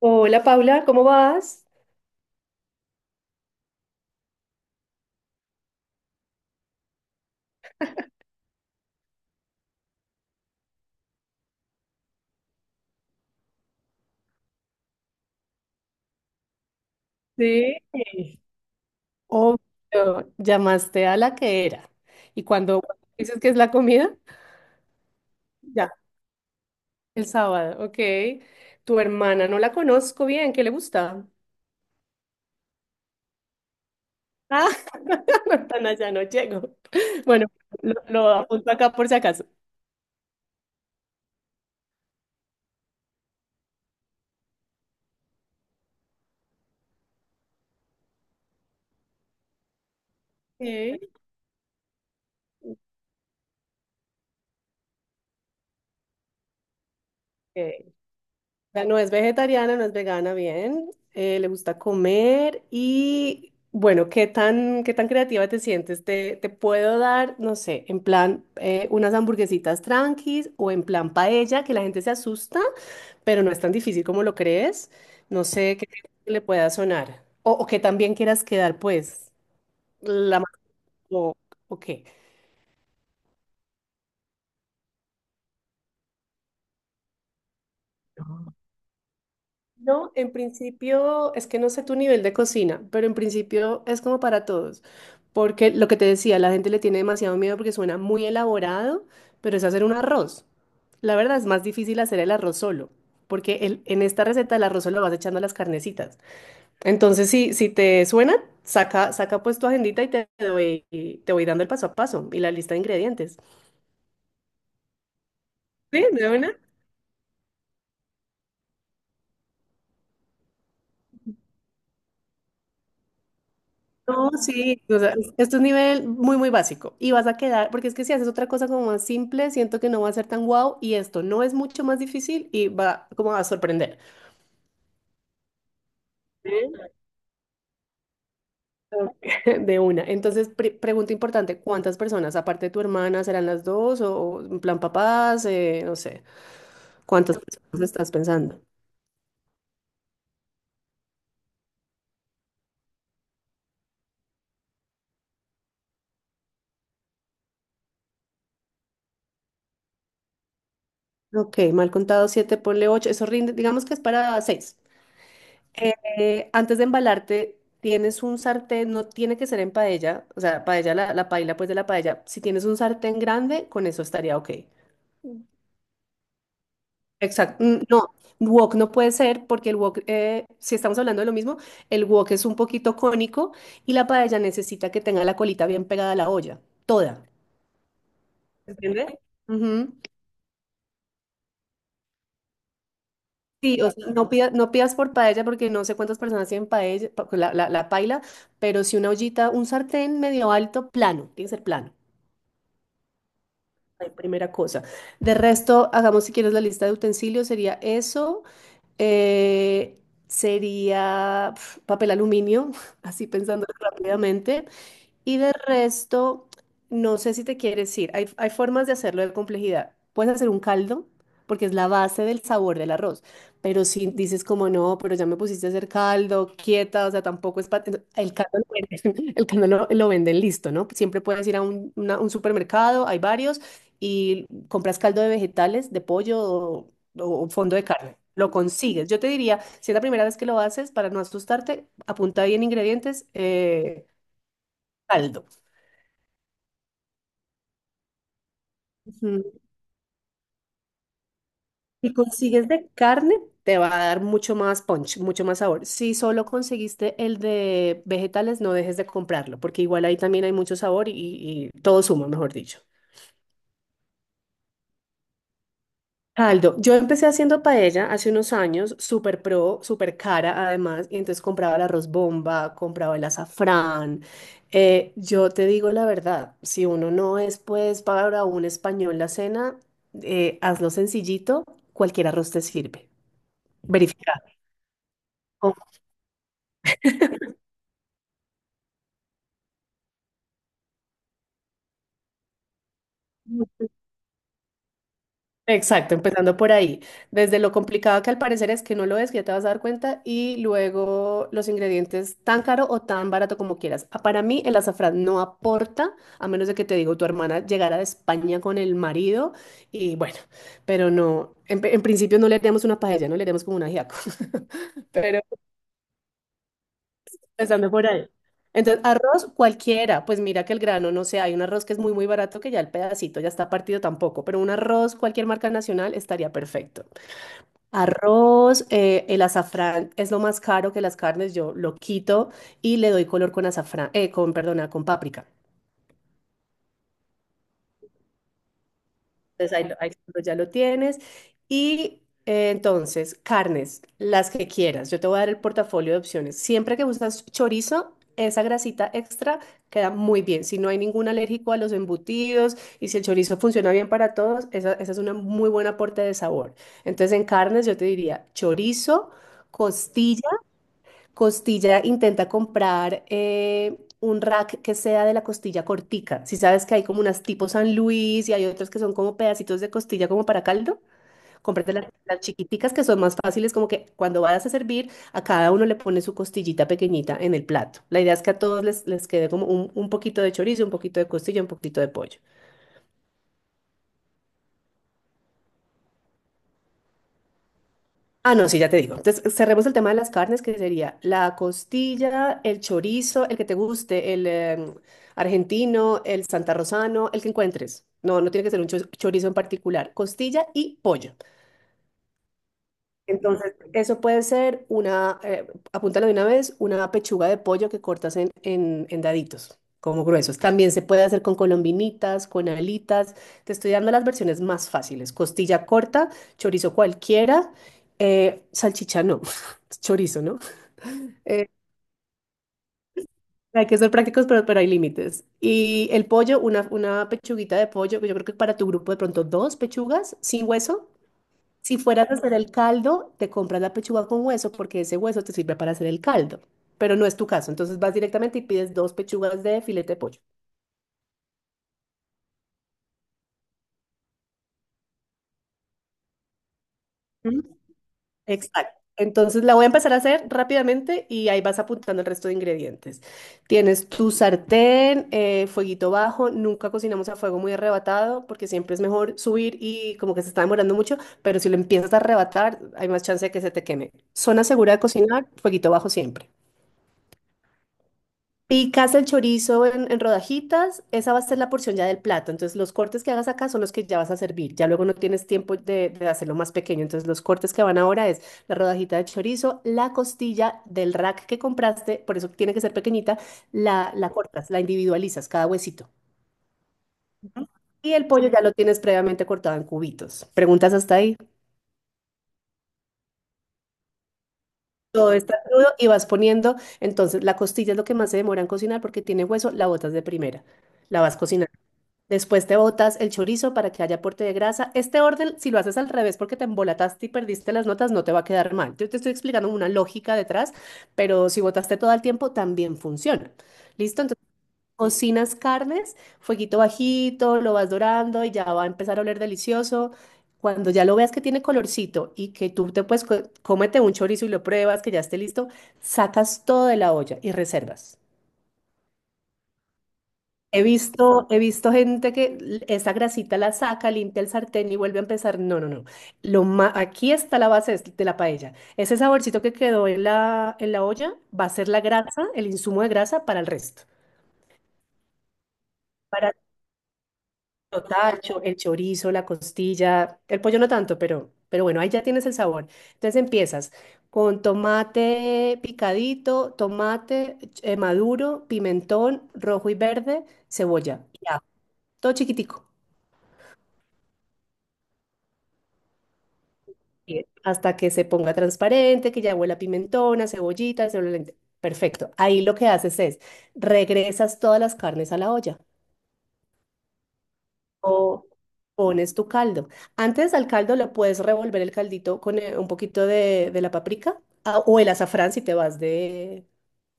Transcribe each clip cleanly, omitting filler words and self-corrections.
Hola Paula, ¿cómo vas? Sí, obvio, llamaste a la que era. Y cuando dices que es la comida, ya, el sábado, ok. Tu hermana, no la conozco bien, ¿qué le gusta? Ah, no, tan allá no llego. Bueno, lo apunto acá por si acaso. Ok. sea, no es vegetariana, no es vegana, bien. Le gusta comer y bueno, ¿qué tan creativa te sientes? ¿Te puedo dar, no sé, en plan unas hamburguesitas tranquis o en plan paella, que la gente se asusta, pero no es tan difícil como lo crees? No sé qué le pueda sonar. O que también quieras quedar, pues, la... o o qué. No, en principio, es que no sé tu nivel de cocina, pero en principio es como para todos, porque lo que te decía, la gente le tiene demasiado miedo porque suena muy elaborado, pero es hacer un arroz. La verdad es más difícil hacer el arroz solo, porque en esta receta el arroz solo vas echando a las carnecitas. Entonces, si te suena, saca, saca pues tu agendita y te voy dando el paso a paso y la lista de ingredientes. ¿Sí? ¿De una? No, sí, o sea, esto es un nivel muy, muy básico. Y vas a quedar, porque es que si haces otra cosa como más simple, siento que no va a ser tan guau y esto no es mucho más difícil y va como a sorprender. ¿Eh? De una. Entonces, pregunta importante, ¿cuántas personas, aparte de tu hermana, serán las dos o en plan papás? No sé, ¿cuántas personas estás pensando? Ok, mal contado 7 ponle 8, eso rinde, digamos que es para seis. Antes de embalarte, tienes un sartén, no tiene que ser en paella, o sea, paella, la paila pues de la paella. Si tienes un sartén grande, con eso estaría ok. Exacto, no, wok no puede ser porque el wok, si estamos hablando de lo mismo, el wok es un poquito cónico y la paella necesita que tenga la colita bien pegada a la olla, toda. ¿Entiendes? Sí, o sea, no pidas, no pidas por paella porque no sé cuántas personas tienen paella, pues, la paila, pero si una ollita, un sartén medio alto, plano, tiene que ser plano, la primera cosa. De resto, hagamos si quieres la lista de utensilios, sería eso, eh, sería papel aluminio, así pensando rápidamente, y de resto, no sé si te quieres ir. Hay formas de hacerlo de complejidad. Puedes hacer un caldo, porque es la base del sabor del arroz. Pero si dices como no, pero ya me pusiste a hacer caldo, quieta, o sea, tampoco es para... El caldo lo venden, el caldo lo venden listo, ¿no? Siempre puedes ir a un supermercado, hay varios, y compras caldo de vegetales, de pollo o fondo de carne. Lo consigues. Yo te diría, si es la primera vez que lo haces, para no asustarte, apunta bien ingredientes, caldo. Ujú. Si consigues de carne, te va a dar mucho más punch, mucho más sabor. Si solo conseguiste el de vegetales, no dejes de comprarlo, porque igual ahí también hay mucho sabor y todo suma, mejor dicho. Caldo. Yo empecé haciendo paella hace unos años, súper pro, súper cara además, y entonces compraba el arroz bomba, compraba el azafrán. Yo te digo la verdad, si uno no es pues para un español la cena, hazlo sencillito, cualquier arroz te sirve. Verifica. Exacto, empezando por ahí. Desde lo complicado que al parecer es que no lo es, que ya te vas a dar cuenta, y luego los ingredientes tan caro o tan barato como quieras. Ah, para mí el azafrán no aporta, a menos de que te digo, tu hermana llegara de España con el marido y bueno, pero no, en principio no le haríamos una paella, no le haríamos como un ajiaco, pero empezando por ahí. Entonces, arroz cualquiera, pues mira que el grano, no sé, hay un arroz que es muy, muy barato que ya el pedacito ya está partido tampoco, pero un arroz, cualquier marca nacional, estaría perfecto. Arroz, el azafrán es lo más caro que las carnes, yo lo quito y le doy color con azafrán, con, perdona, con páprica. Entonces ahí, ahí ya lo tienes. Y entonces, carnes, las que quieras. Yo te voy a dar el portafolio de opciones. Siempre que usas chorizo, esa grasita extra queda muy bien. Si no hay ningún alérgico a los embutidos y si el chorizo funciona bien para todos, esa es una muy buen aporte de sabor. Entonces, en carnes yo te diría chorizo, costilla. Costilla intenta comprar un rack que sea de la costilla cortica. Si sabes que hay como unas tipo San Luis y hay otras que son como pedacitos de costilla como para caldo, cómprate las chiquiticas que son más fáciles, como que cuando vayas a servir, a cada uno le pones su costillita pequeñita en el plato. La idea es que a todos les quede como un poquito de chorizo, un poquito de costilla, un poquito de pollo. Ah, no, sí, ya te digo. Entonces, cerremos el tema de las carnes, que sería la costilla, el chorizo, el que te guste, el argentino, el santarrosano, el que encuentres. No, no tiene que ser un chorizo en particular. Costilla y pollo. Entonces, eso puede ser apúntalo de una vez, una pechuga de pollo que cortas en, en daditos, como gruesos. También se puede hacer con colombinitas, con alitas. Te estoy dando las versiones más fáciles. Costilla corta, chorizo cualquiera, salchicha no, chorizo, ¿no? Eh, hay que ser prácticos, pero hay límites. Y el pollo, una pechuguita de pollo, yo creo que para tu grupo de pronto dos pechugas sin hueso. Si fueras a hacer el caldo, te compras la pechuga con hueso porque ese hueso te sirve para hacer el caldo, pero no es tu caso. Entonces vas directamente y pides dos pechugas de filete de pollo. ¿Mm? Exacto. Entonces la voy a empezar a hacer rápidamente y ahí vas apuntando el resto de ingredientes. Tienes tu sartén, fueguito bajo. Nunca cocinamos a fuego muy arrebatado porque siempre es mejor subir y como que se está demorando mucho, pero si lo empiezas a arrebatar hay más chance de que se te queme. Zona segura de cocinar, fueguito bajo siempre. Picas el chorizo en, rodajitas, esa va a ser la porción ya del plato. Entonces, los cortes que hagas acá son los que ya vas a servir. Ya luego no tienes tiempo de hacerlo más pequeño. Entonces, los cortes que van ahora es la rodajita de chorizo, la costilla del rack que compraste, por eso tiene que ser pequeñita, la cortas, la individualizas, cada huesito. Y el pollo ya lo tienes previamente cortado en cubitos. Preguntas hasta ahí. Todo está crudo y vas poniendo. Entonces, la costilla es lo que más se demora en cocinar porque tiene hueso, la botas de primera. La vas cocinando. Después te botas el chorizo para que haya aporte de grasa. Este orden, si lo haces al revés porque te embolataste y perdiste las notas, no te va a quedar mal. Yo te estoy explicando una lógica detrás, pero si botaste todo el tiempo, también funciona. ¿Listo? Entonces, cocinas carnes, fueguito bajito, lo vas dorando y ya va a empezar a oler delicioso. Cuando ya lo veas que tiene colorcito y que tú te puedes, cómete un chorizo y lo pruebas, que ya esté listo, sacas todo de la olla y reservas. He visto gente que esa grasita la saca, limpia el sartén y vuelve a empezar. No, no, no. Aquí está la base de la paella. Ese saborcito que quedó en la olla va a ser la grasa, el insumo de grasa para el resto. Para el tacho, el chorizo, la costilla, el pollo no tanto, pero bueno, ahí ya tienes el sabor. Entonces empiezas con tomate picadito, tomate maduro, pimentón rojo y verde, cebolla y ajo. Todo chiquitico. Hervir hasta que se ponga transparente, que ya huela a pimentón, a cebollita, se vuelve. Perfecto. Ahí lo que haces es regresas todas las carnes a la olla o pones tu caldo. Antes al caldo le puedes revolver el caldito con un poquito de la paprika o el azafrán si te vas de,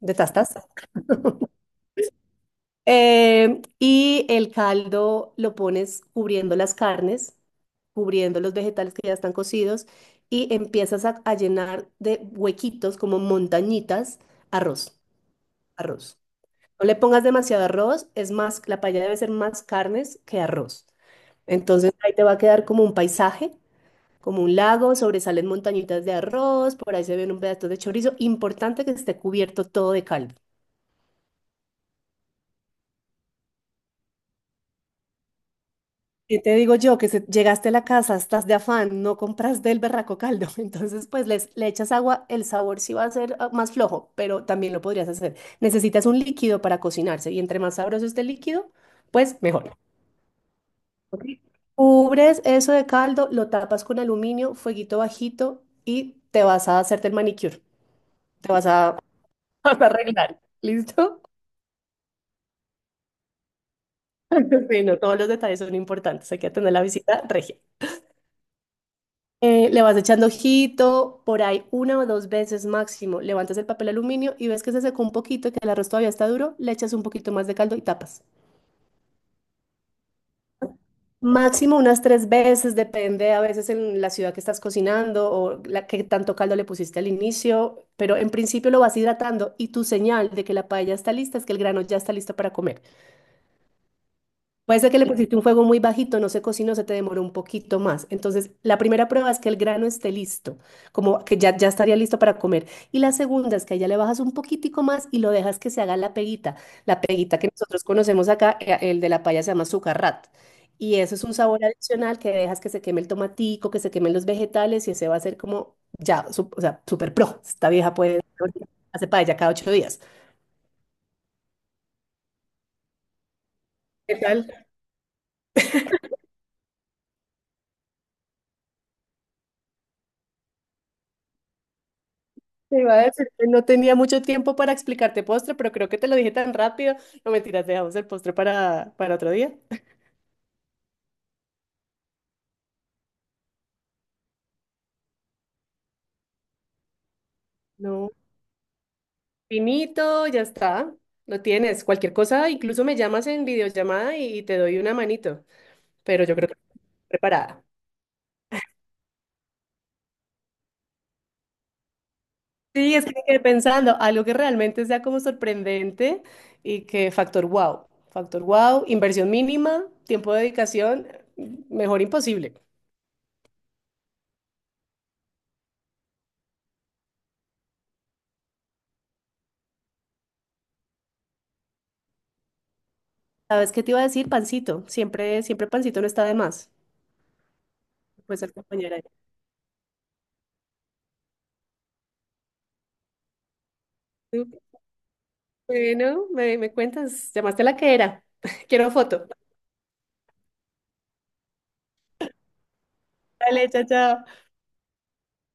de tastas. Y el caldo lo pones cubriendo las carnes, cubriendo los vegetales que ya están cocidos y empiezas a llenar de huequitos como montañitas arroz, arroz. No le pongas demasiado arroz, es más, la paella debe ser más carnes que arroz. Entonces ahí te va a quedar como un paisaje, como un lago, sobresalen montañitas de arroz, por ahí se ven un pedazo de chorizo. Importante que esté cubierto todo de caldo. Y te digo yo que llegaste a la casa, estás de afán, no compras del berraco caldo, entonces pues le echas agua, el sabor sí va a ser más flojo, pero también lo podrías hacer. Necesitas un líquido para cocinarse y entre más sabroso esté el líquido, pues mejor. ¿Ok? Cubres eso de caldo, lo tapas con aluminio, fueguito bajito y te vas a hacerte el manicure, te vas a, vas a arreglar, ¿listo? Sí, no, todos los detalles son importantes, hay que atender la visita regia. Le vas echando ojito, por ahí una o dos veces máximo. Levantas el papel aluminio y ves que se secó un poquito, que el arroz todavía está duro, le echas un poquito más de caldo y tapas. Máximo unas tres veces, depende a veces en la ciudad que estás cocinando o la que tanto caldo le pusiste al inicio, pero en principio lo vas hidratando y tu señal de que la paella está lista es que el grano ya está listo para comer. Puede ser que le pusiste un fuego muy bajito, no se cocinó, se te demoró un poquito más. Entonces, la primera prueba es que el grano esté listo, como que ya, ya estaría listo para comer. Y la segunda es que ya le bajas un poquitico más y lo dejas que se haga la peguita. La peguita que nosotros conocemos acá, el de la paya se llama sucarrat. Y eso es un sabor adicional que dejas que se queme el tomatico, que se quemen los vegetales y ese va a ser como ya, o sea, super pro. Esta vieja puede hacer paella cada 8 días. ¿Qué tal? Te iba a decir que no tenía mucho tiempo para explicarte postre, pero creo que te lo dije tan rápido. No mentiras, dejamos el postre para otro día. No. Finito, ya está. Lo tienes. Cualquier cosa, incluso me llamas en videollamada y te doy una manito. Pero yo creo que estoy preparada. Sí, es que me quedé pensando, algo que realmente sea como sorprendente y que factor wow. Factor wow, inversión mínima, tiempo de dedicación, mejor imposible. ¿Sabes qué te iba a decir? Pancito. Siempre, siempre pancito no está de más. Pues al compañero. Ahí. Bueno, me cuentas, llamaste a la que era. Quiero foto. Dale, chao, chao.